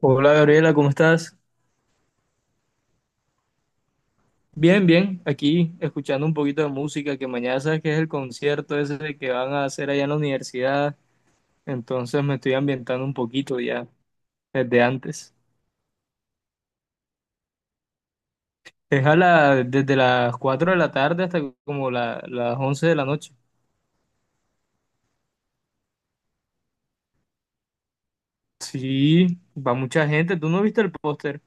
Hola Gabriela, ¿cómo estás? Bien, bien, aquí escuchando un poquito de música, que mañana sabes que es el concierto ese que van a hacer allá en la universidad, entonces me estoy ambientando un poquito ya desde antes. Es desde las 4 de la tarde hasta como las 11 de la noche. Sí, va mucha gente, ¿tú no viste el póster?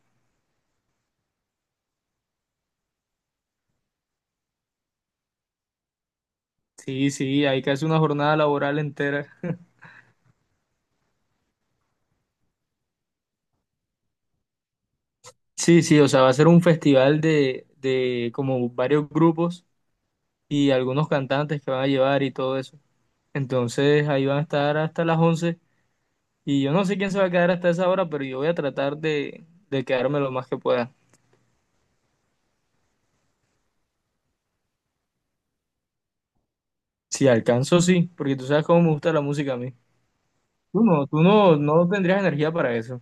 Sí, sí, hay casi una jornada laboral entera. Sí, sí, o sea, va a ser un festival de como varios grupos y algunos cantantes que van a llevar y todo eso. Entonces ahí van a estar hasta las 11 y yo no sé quién se va a quedar hasta esa hora, pero yo voy a tratar de quedarme lo más que pueda. Si alcanzo, sí, porque tú sabes cómo me gusta la música a mí. Tú no, no tendrías energía para eso.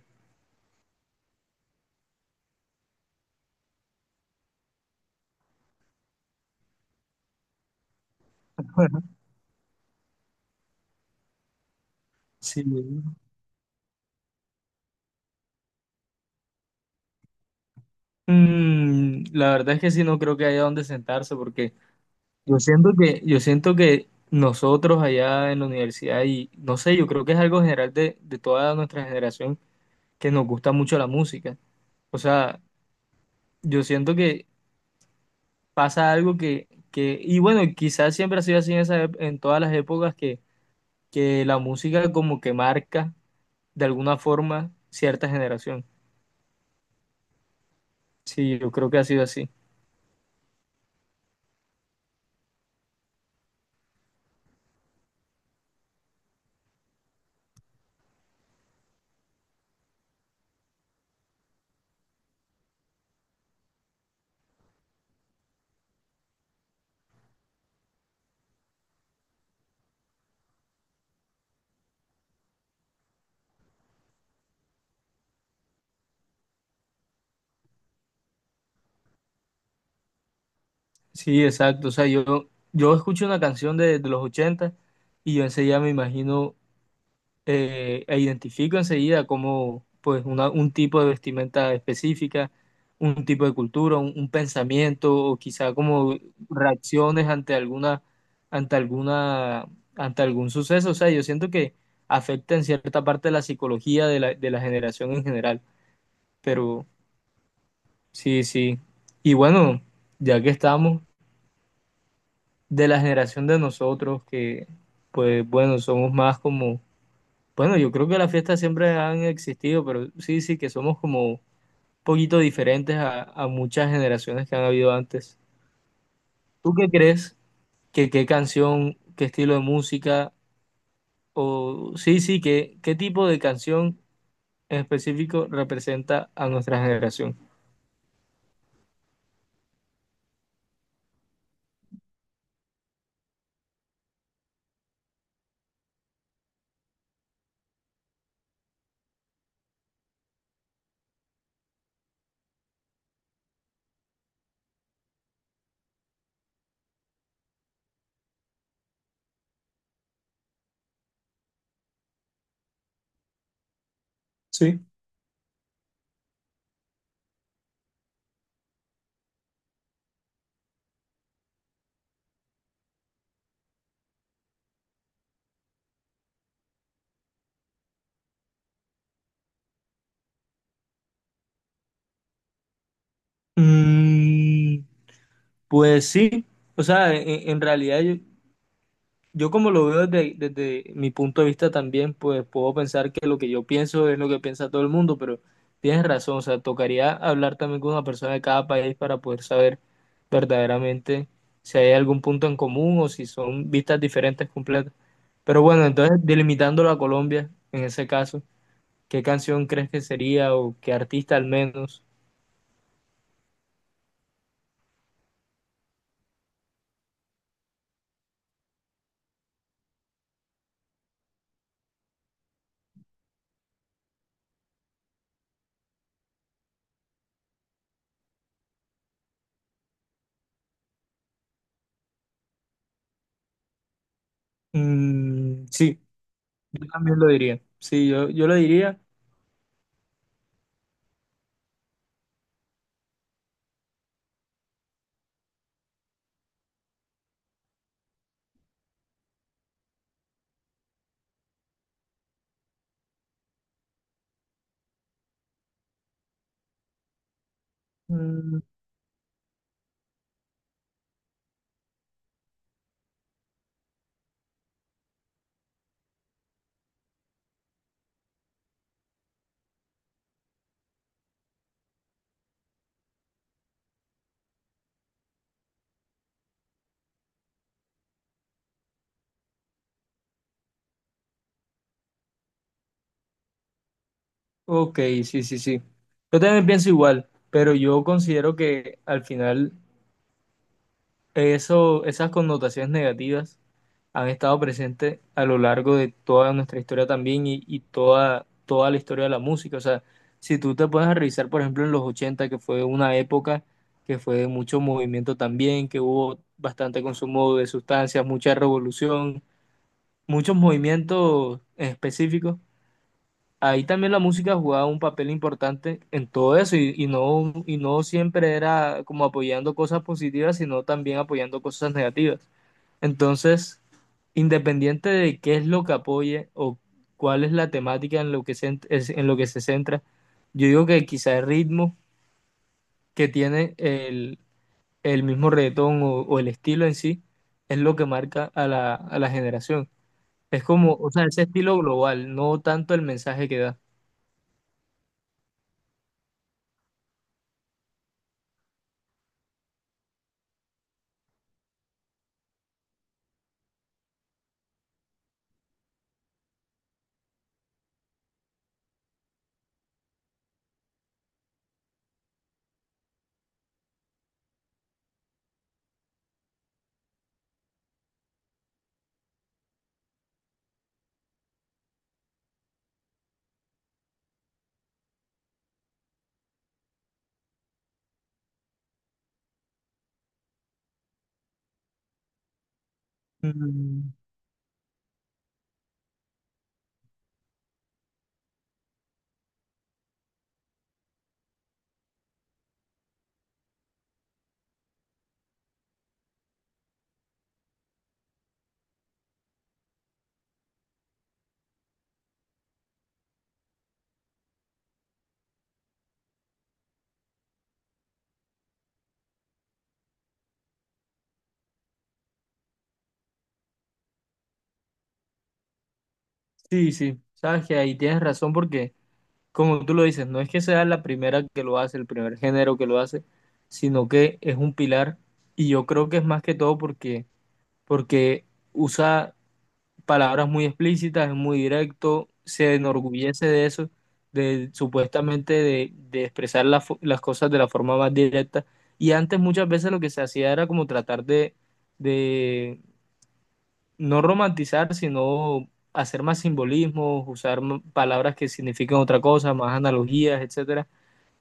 Sí. La verdad es que sí, no creo que haya donde sentarse, porque yo siento que nosotros allá en la universidad, y no sé, yo creo que es algo general de toda nuestra generación, que nos gusta mucho la música. O sea, yo siento que pasa algo que y bueno, quizás siempre ha sido así en todas las épocas que la música como que marca de alguna forma cierta generación. Sí, yo creo que ha sido así. Sí, exacto. O sea, yo escucho una canción de los 80 y yo enseguida me imagino e identifico enseguida como pues un tipo de vestimenta específica, un tipo de cultura, un pensamiento o quizá como reacciones ante alguna, ante algún suceso. O sea, yo siento que afecta en cierta parte la psicología de la generación en general, pero sí, sí. Y bueno, ya que estamos de la generación de nosotros, que pues bueno, somos más como bueno, yo creo que las fiestas siempre han existido, pero sí, sí, que somos como un poquito diferentes a muchas generaciones que han habido antes. ¿Tú qué crees? ¿Que ¿qué canción, qué estilo de música? O sí, sí, que, ¿qué tipo de canción en específico representa a nuestra generación? Sí. Mm, pues sí, o sea, en realidad yo, yo como lo veo desde mi punto de vista también, pues puedo pensar que lo que yo pienso es lo que piensa todo el mundo, pero tienes razón, o sea, tocaría hablar también con una persona de cada país para poder saber verdaderamente si hay algún punto en común o si son vistas diferentes completas. Pero bueno, entonces delimitándolo a Colombia, en ese caso, ¿qué canción crees que sería o qué artista al menos? Mm, sí, yo también lo diría. Sí, yo lo diría. Ok, sí, sí, sí. Yo también pienso igual, pero yo considero que al final eso, esas connotaciones negativas han estado presentes a lo largo de toda nuestra historia también y toda la historia de la música. O sea, si tú te pones a revisar, por ejemplo, en los 80 que fue una época que fue de mucho movimiento también, que hubo bastante consumo de sustancias, mucha revolución, muchos movimientos específicos. Ahí también la música jugaba un papel importante en todo eso y no siempre era como apoyando cosas positivas, sino también apoyando cosas negativas. Entonces, independiente de qué es lo que apoye o cuál es la temática en lo que se centra, yo digo que quizá el ritmo que tiene el mismo reggaetón o el estilo en sí es lo que marca a la generación. Es como, o sea, ese estilo global, no tanto el mensaje que da. Mm. Sí, sí, sabes que ahí tienes razón porque, como tú lo dices, no es que sea la primera que lo hace, el primer género que lo hace, sino que es un pilar y yo creo que es más que todo porque usa palabras muy explícitas, es muy directo, se enorgullece de eso, de supuestamente de expresar las cosas de la forma más directa y antes muchas veces lo que se hacía era como tratar de, no romantizar, sino hacer más simbolismos, usar palabras que significan otra cosa, más analogías, etcétera,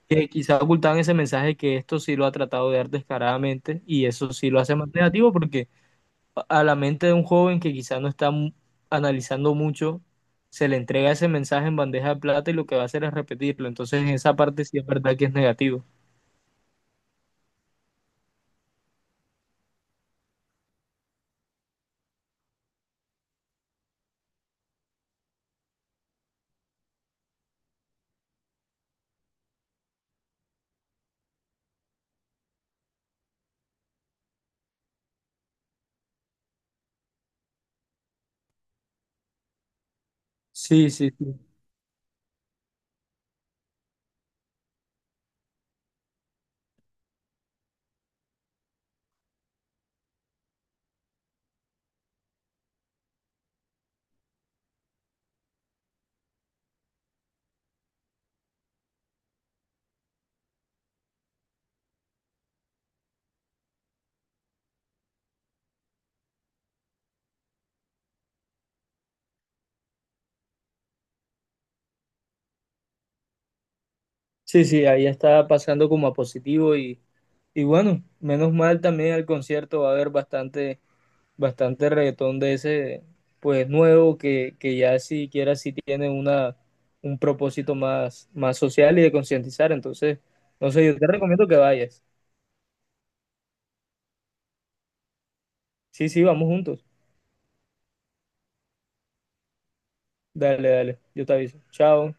que quizá ocultan ese mensaje que esto sí lo ha tratado de dar descaradamente y eso sí lo hace más negativo porque a la mente de un joven que quizá no está analizando mucho, se le entrega ese mensaje en bandeja de plata y lo que va a hacer es repetirlo. Entonces, en esa parte sí es verdad que es negativo. Sí, sí, sí. Sí, sí, ahí está pasando como a positivo Y bueno, menos mal también al concierto va a haber bastante reggaetón de ese, pues nuevo, que ya siquiera sí tiene una, un propósito más, más social y de concientizar. Entonces, no sé, yo te recomiendo que vayas. Sí, sí, vamos juntos. Dale, dale, yo te aviso. Chao.